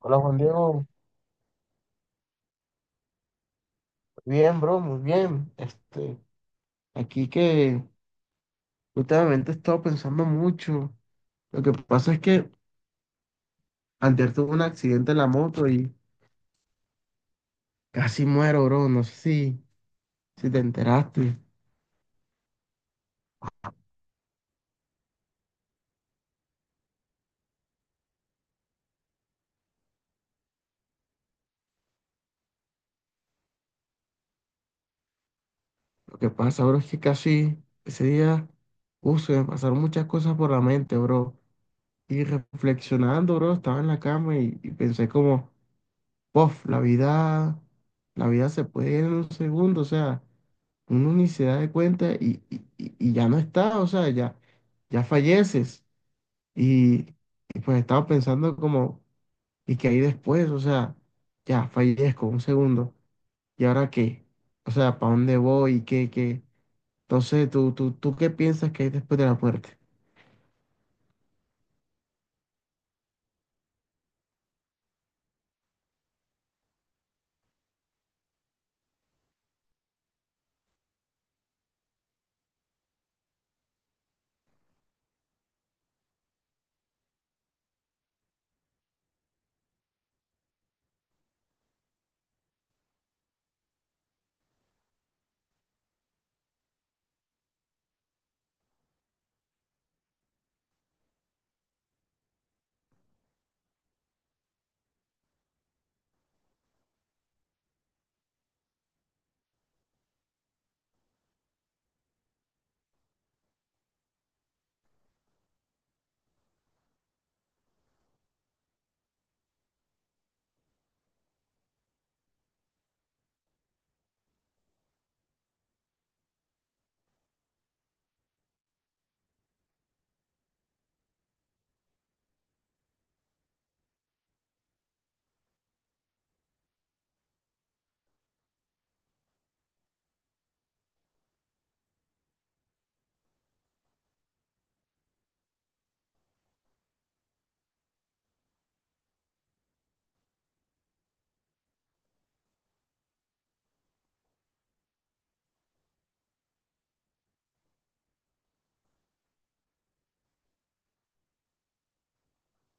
Hola Juan Diego, bien bro, muy bien. Aquí que últimamente he estado pensando mucho. Lo que pasa es que antes tuve un accidente en la moto y casi muero, bro. No sé si te enteraste. Lo que pasa, bro, es que casi ese día, se me pasaron muchas cosas por la mente, bro. Y reflexionando, bro, estaba en la cama y pensé como, pof, la vida se puede ir en un segundo, o sea, uno ni se da de cuenta y ya no está, o sea, ya falleces. Y, y pues estaba pensando como, ¿y qué hay después? O sea, ya fallezco un segundo, ¿y ahora qué? O sea, ¿para dónde voy? ¿Qué? Entonces, ¿ tú qué piensas que hay después de la muerte?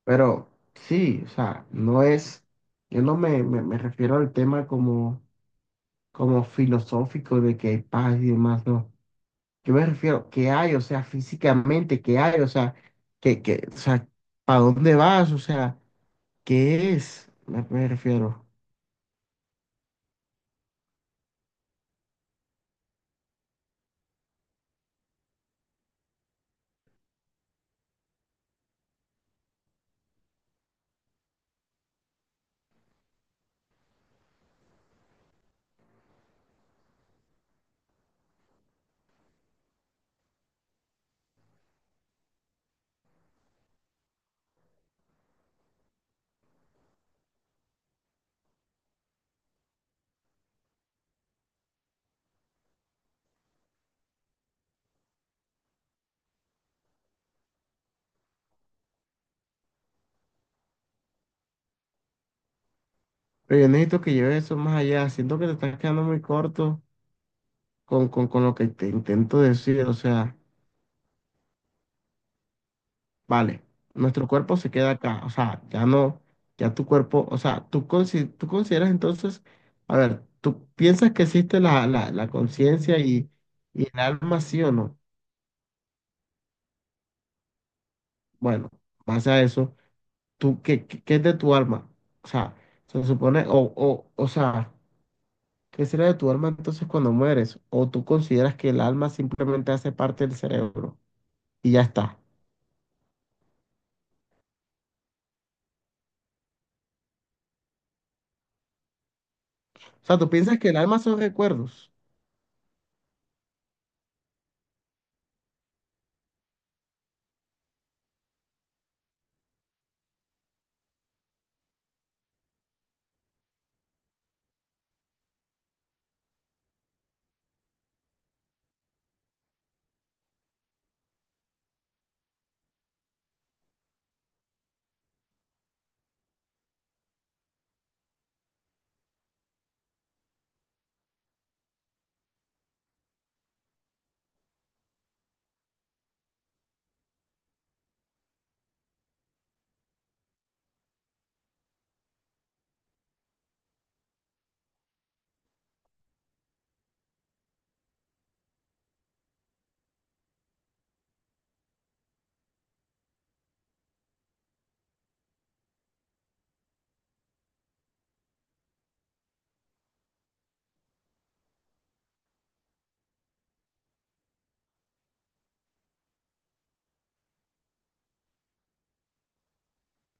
Pero sí, o sea, yo no me refiero al tema como filosófico de que hay paz y demás, no. Yo me refiero que hay, o sea, físicamente, que hay, o sea, o sea, ¿para dónde vas? O sea, ¿qué es? Me refiero. Pero yo necesito que lleves eso más allá. Siento que te estás quedando muy corto con lo que te intento decir. O sea, vale, nuestro cuerpo se queda acá. O sea, ya no, ya tu cuerpo, o sea, tú consideras entonces, a ver, ¿tú piensas que existe la conciencia y el alma, sí o no? Bueno, base a eso, ¿tú, qué es de tu alma? O sea, se supone, o sea, ¿qué será de tu alma entonces cuando mueres? ¿O tú consideras que el alma simplemente hace parte del cerebro y ya está? O sea, ¿tú piensas que el alma son recuerdos?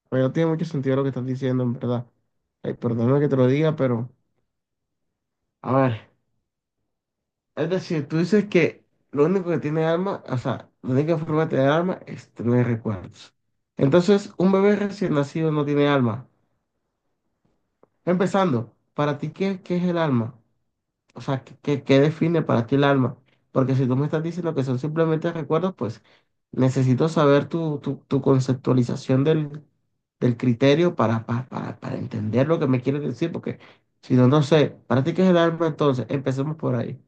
Pues no tiene mucho sentido lo que estás diciendo, en verdad. Ay, perdóname que te lo diga, pero, a ver, es decir, tú dices que lo único que tiene alma, o sea, la única forma de tener alma es tener recuerdos. Entonces, un bebé recién nacido no tiene alma. Empezando, para ti, ¿qué es el alma? O sea, ¿qué, qué define para ti el alma? Porque si tú me estás diciendo que son simplemente recuerdos, pues necesito saber tu conceptualización del, del criterio para entender lo que me quieres decir, porque si no, no sé, para ti, ¿qué es el alma entonces? Empecemos por ahí.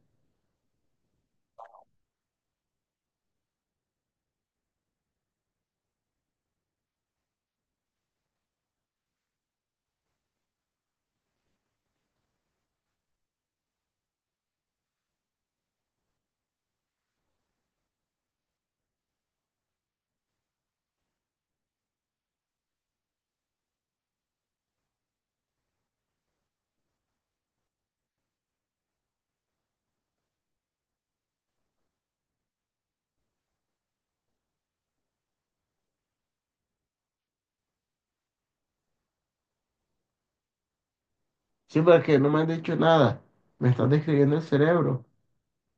Sí, porque no me has dicho nada, me estás describiendo el cerebro,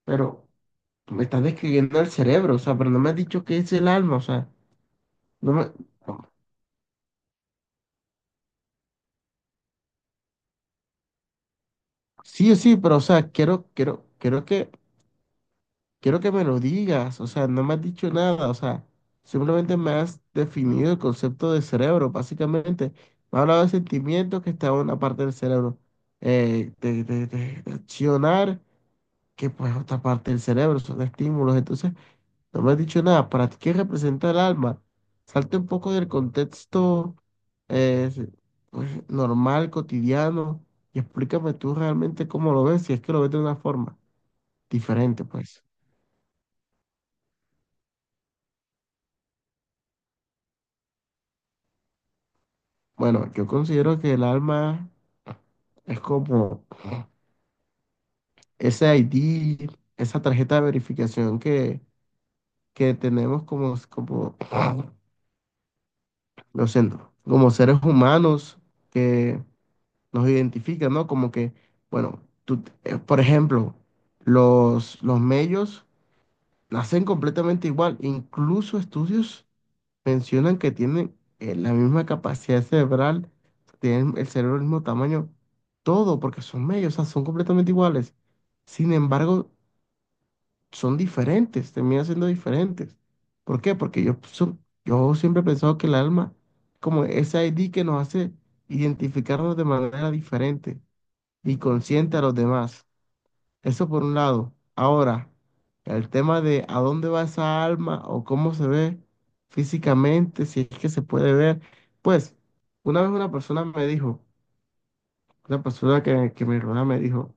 pero me estás describiendo el cerebro, o sea, pero no me has dicho qué es el alma, o sea, no me... Sí, sí, pero o sea, quiero que me lo digas. O sea, no me has dicho nada. O sea, simplemente me has definido el concepto de cerebro, básicamente. Me has hablado de sentimientos que está en una parte del cerebro, de, de accionar, que pues otra parte del cerebro, son estímulos. Entonces, no me has dicho nada. ¿Para ti qué representa el alma? Salte un poco del contexto eh, pues, normal, cotidiano, y explícame tú realmente cómo lo ves, si es que lo ves de una forma diferente, pues. Bueno, yo considero que el alma es como ese ID, esa tarjeta de verificación que tenemos como, como, lo siento, como seres humanos que nos identifica, ¿no? Como que, bueno, tú, por ejemplo, los mellos nacen completamente igual. Incluso estudios mencionan que tienen la misma capacidad cerebral, tienen el cerebro del mismo tamaño, todo, porque son mellos, o sea, son completamente iguales. Sin embargo, son diferentes, terminan siendo diferentes. ¿Por qué? Porque yo siempre he pensado que el alma, como ese ID que nos hace identificarnos de manera diferente y consiente a los demás. Eso por un lado. Ahora, el tema de a dónde va esa alma o cómo se ve físicamente, si es que se puede ver. Pues, una vez una persona me dijo, una persona que me rodea me dijo,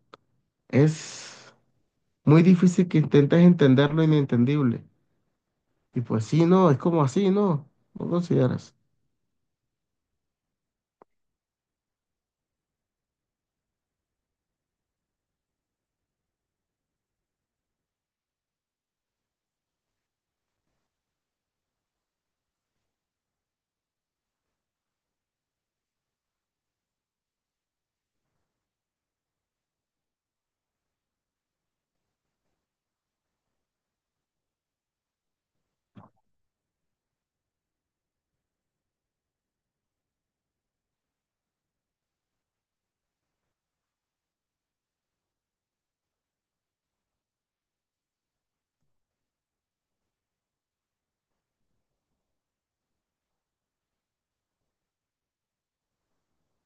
es muy difícil que intentes entender lo inentendible. Y pues sí, no, es como así, ¿no? ¿No consideras?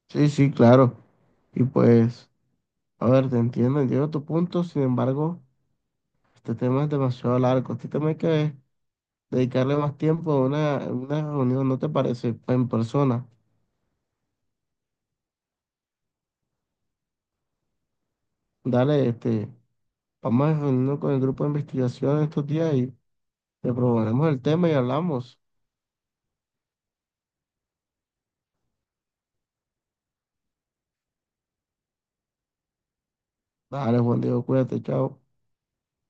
Sí, sí, claro. Y pues, a ver, te entiendo, entiendo tu punto, sin embargo, este tema es demasiado largo. Este tema hay que dedicarle más tiempo a una reunión, ¿no te parece? En persona. Dale, este, vamos a reunirnos con el grupo de investigación estos días y le proponemos el tema y hablamos. Dale, Juan Diego, cuídate, chao.